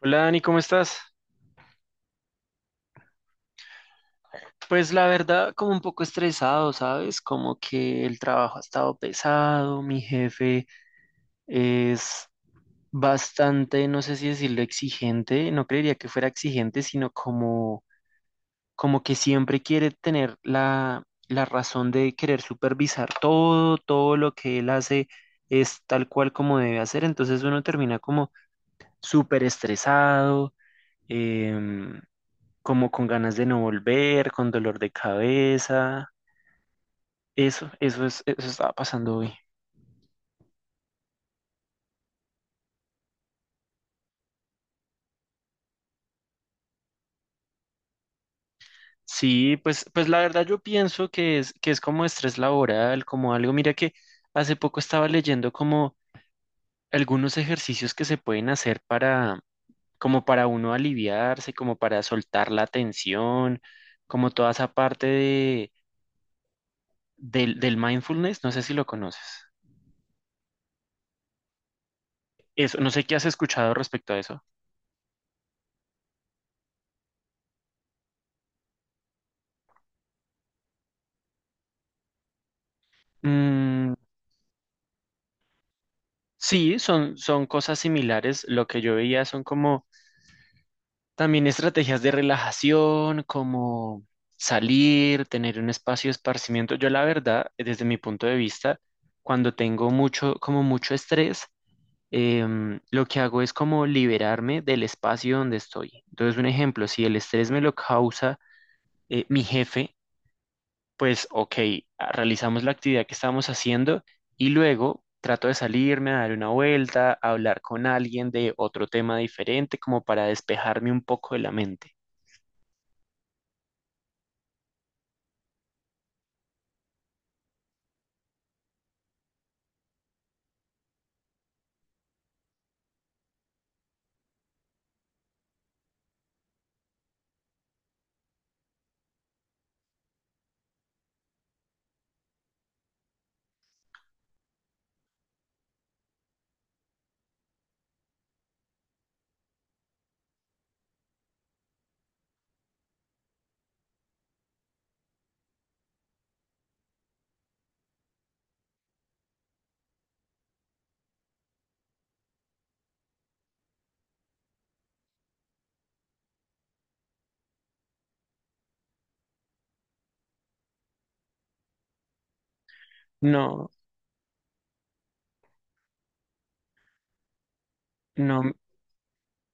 Hola Dani, ¿cómo estás? Pues la verdad, como un poco estresado, ¿sabes? Como que el trabajo ha estado pesado, mi jefe es bastante, no sé si decirlo exigente, no creería que fuera exigente, sino como, como que siempre quiere tener la razón de querer supervisar todo, todo lo que él hace es tal cual como debe hacer. Entonces uno termina como súper estresado, como con ganas de no volver, con dolor de cabeza. Eso es, eso estaba pasando hoy. Sí, pues, pues la verdad yo pienso que es como estrés laboral, como algo. Mira que hace poco estaba leyendo como algunos ejercicios que se pueden hacer para, como para uno aliviarse, como para soltar la tensión, como toda esa parte de, del mindfulness. No sé si lo conoces. Eso, no sé qué has escuchado respecto a eso. Mm. Sí, son, son cosas similares. Lo que yo veía son como también estrategias de relajación, como salir, tener un espacio de esparcimiento. Yo la verdad, desde mi punto de vista, cuando tengo mucho, como mucho estrés, lo que hago es como liberarme del espacio donde estoy. Entonces, un ejemplo, si el estrés me lo causa mi jefe, pues, ok, realizamos la actividad que estábamos haciendo y luego trato de salirme a dar una vuelta, a hablar con alguien de otro tema diferente, como para despejarme un poco de la mente. No, no,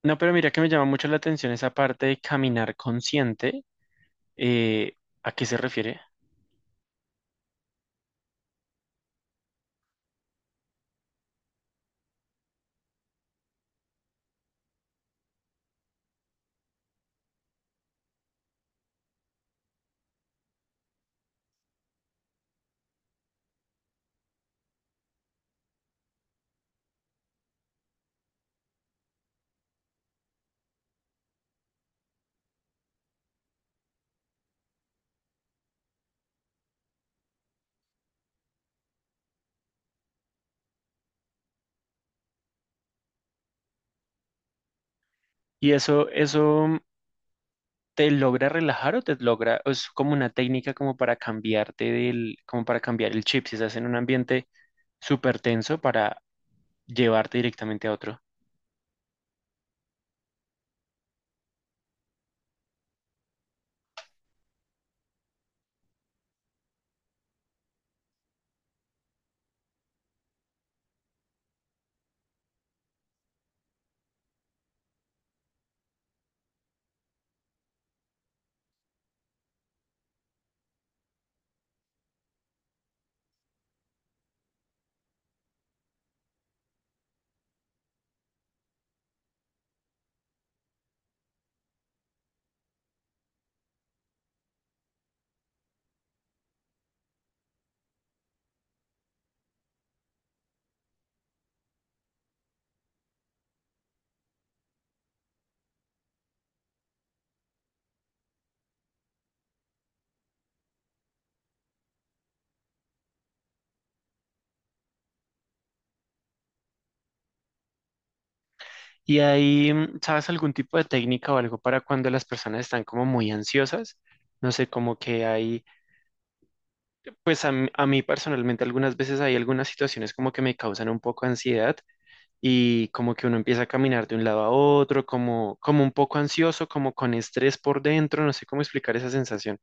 no, pero mira que me llama mucho la atención esa parte de caminar consciente. eh, ¿A qué se refiere? ¿Y eso te logra relajar o te logra, o es como una técnica como para cambiarte del, como para cambiar el chip, si estás en un ambiente súper tenso para llevarte directamente a otro? Y ahí, ¿sabes algún tipo de técnica o algo para cuando las personas están como muy ansiosas? No sé, como que hay, pues a mí personalmente algunas veces hay algunas situaciones como que me causan un poco ansiedad y como que uno empieza a caminar de un lado a otro, como, como un poco ansioso, como con estrés por dentro, no sé cómo explicar esa sensación.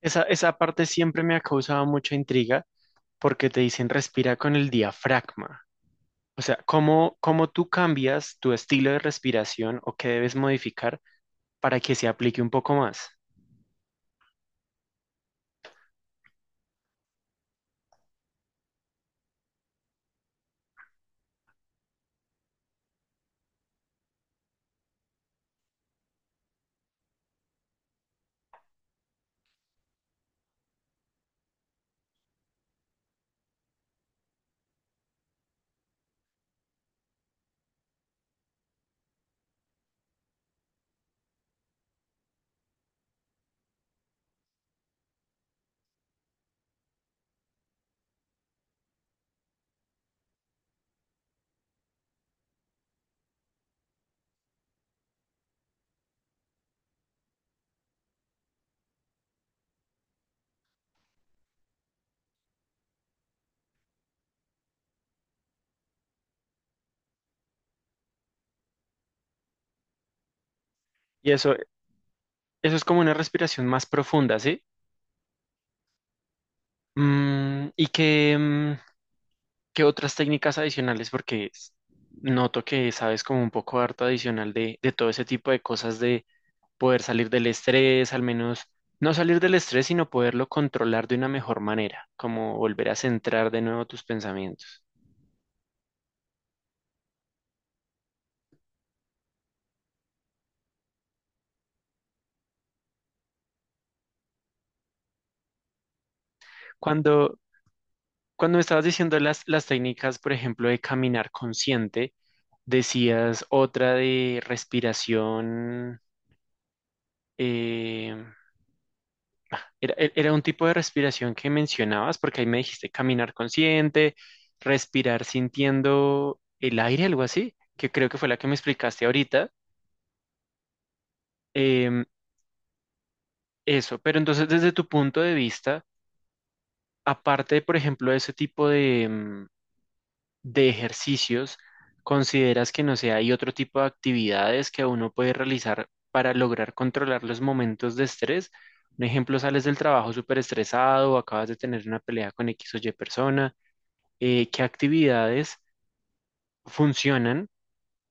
Esa parte siempre me ha causado mucha intriga porque te dicen respira con el diafragma. O sea, ¿cómo, cómo tú cambias tu estilo de respiración o qué debes modificar para que se aplique un poco más? Y eso es como una respiración más profunda, ¿sí? ¿Y qué, qué otras técnicas adicionales? Porque s- noto que sabes como un poco harto adicional de todo ese tipo de cosas de poder salir del estrés, al menos no salir del estrés, sino poderlo controlar de una mejor manera, como volver a centrar de nuevo tus pensamientos. Cuando, cuando me estabas diciendo las técnicas, por ejemplo, de caminar consciente, decías otra de respiración. eh, Era, e- era un tipo de respiración que mencionabas, porque ahí me dijiste caminar consciente, respirar sintiendo el aire, algo así, que creo que fue la que me explicaste ahorita. em, Eso, pero entonces desde tu punto de vista, aparte, por ejemplo, de ese tipo de, de ejercicios, ¿consideras que no sé, hay otro tipo de actividades que uno puede realizar para lograr controlar los momentos de estrés? Un ejemplo, sales del trabajo súper estresado, acabas de tener una pelea con X o Y persona. ¿Qué actividades funcionan,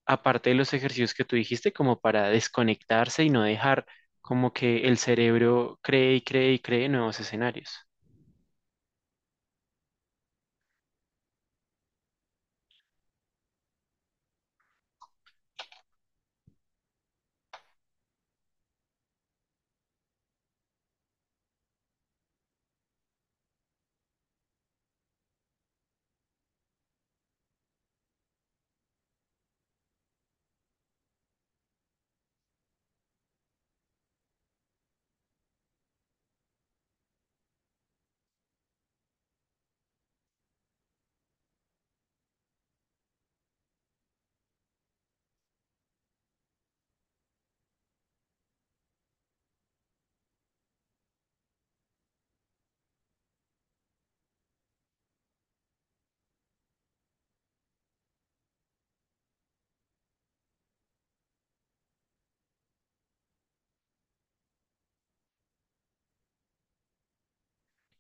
aparte de los ejercicios que tú dijiste, como para desconectarse y no dejar como que el cerebro cree y cree y cree nuevos escenarios?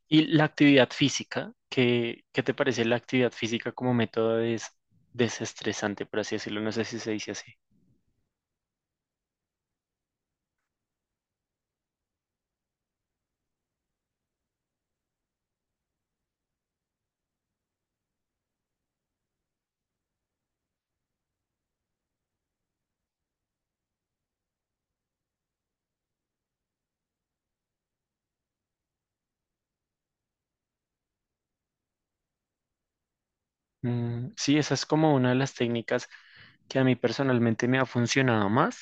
Y la actividad física, ¿qué, qué te parece la actividad física como método des- desestresante, por así decirlo? No sé si se dice así. Mm, sí, esa es como una de las técnicas que a mí personalmente me ha funcionado más,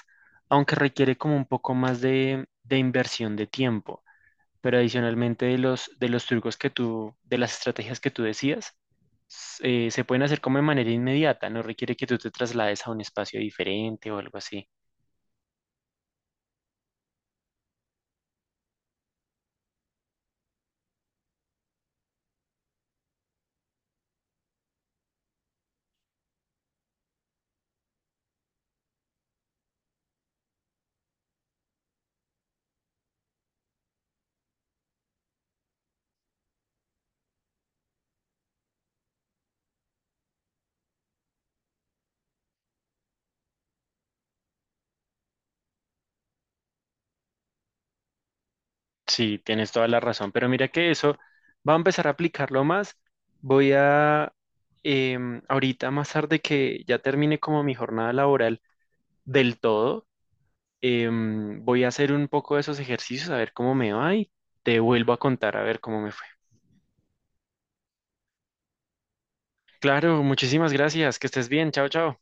aunque requiere como un poco más de inversión de tiempo. Pero adicionalmente de los trucos que tú, de las estrategias que tú decías, s- se pueden hacer como de manera inmediata, no requiere que tú te traslades a un espacio diferente o algo así. Sí, tienes toda la razón, pero mira que eso va a empezar a aplicarlo más. Voy a, ahorita más tarde que ya termine como mi jornada laboral del todo, voy a hacer un poco de esos ejercicios, a ver cómo me va y te vuelvo a contar, a ver cómo me fue. Claro, muchísimas gracias, que estés bien, chao, chao.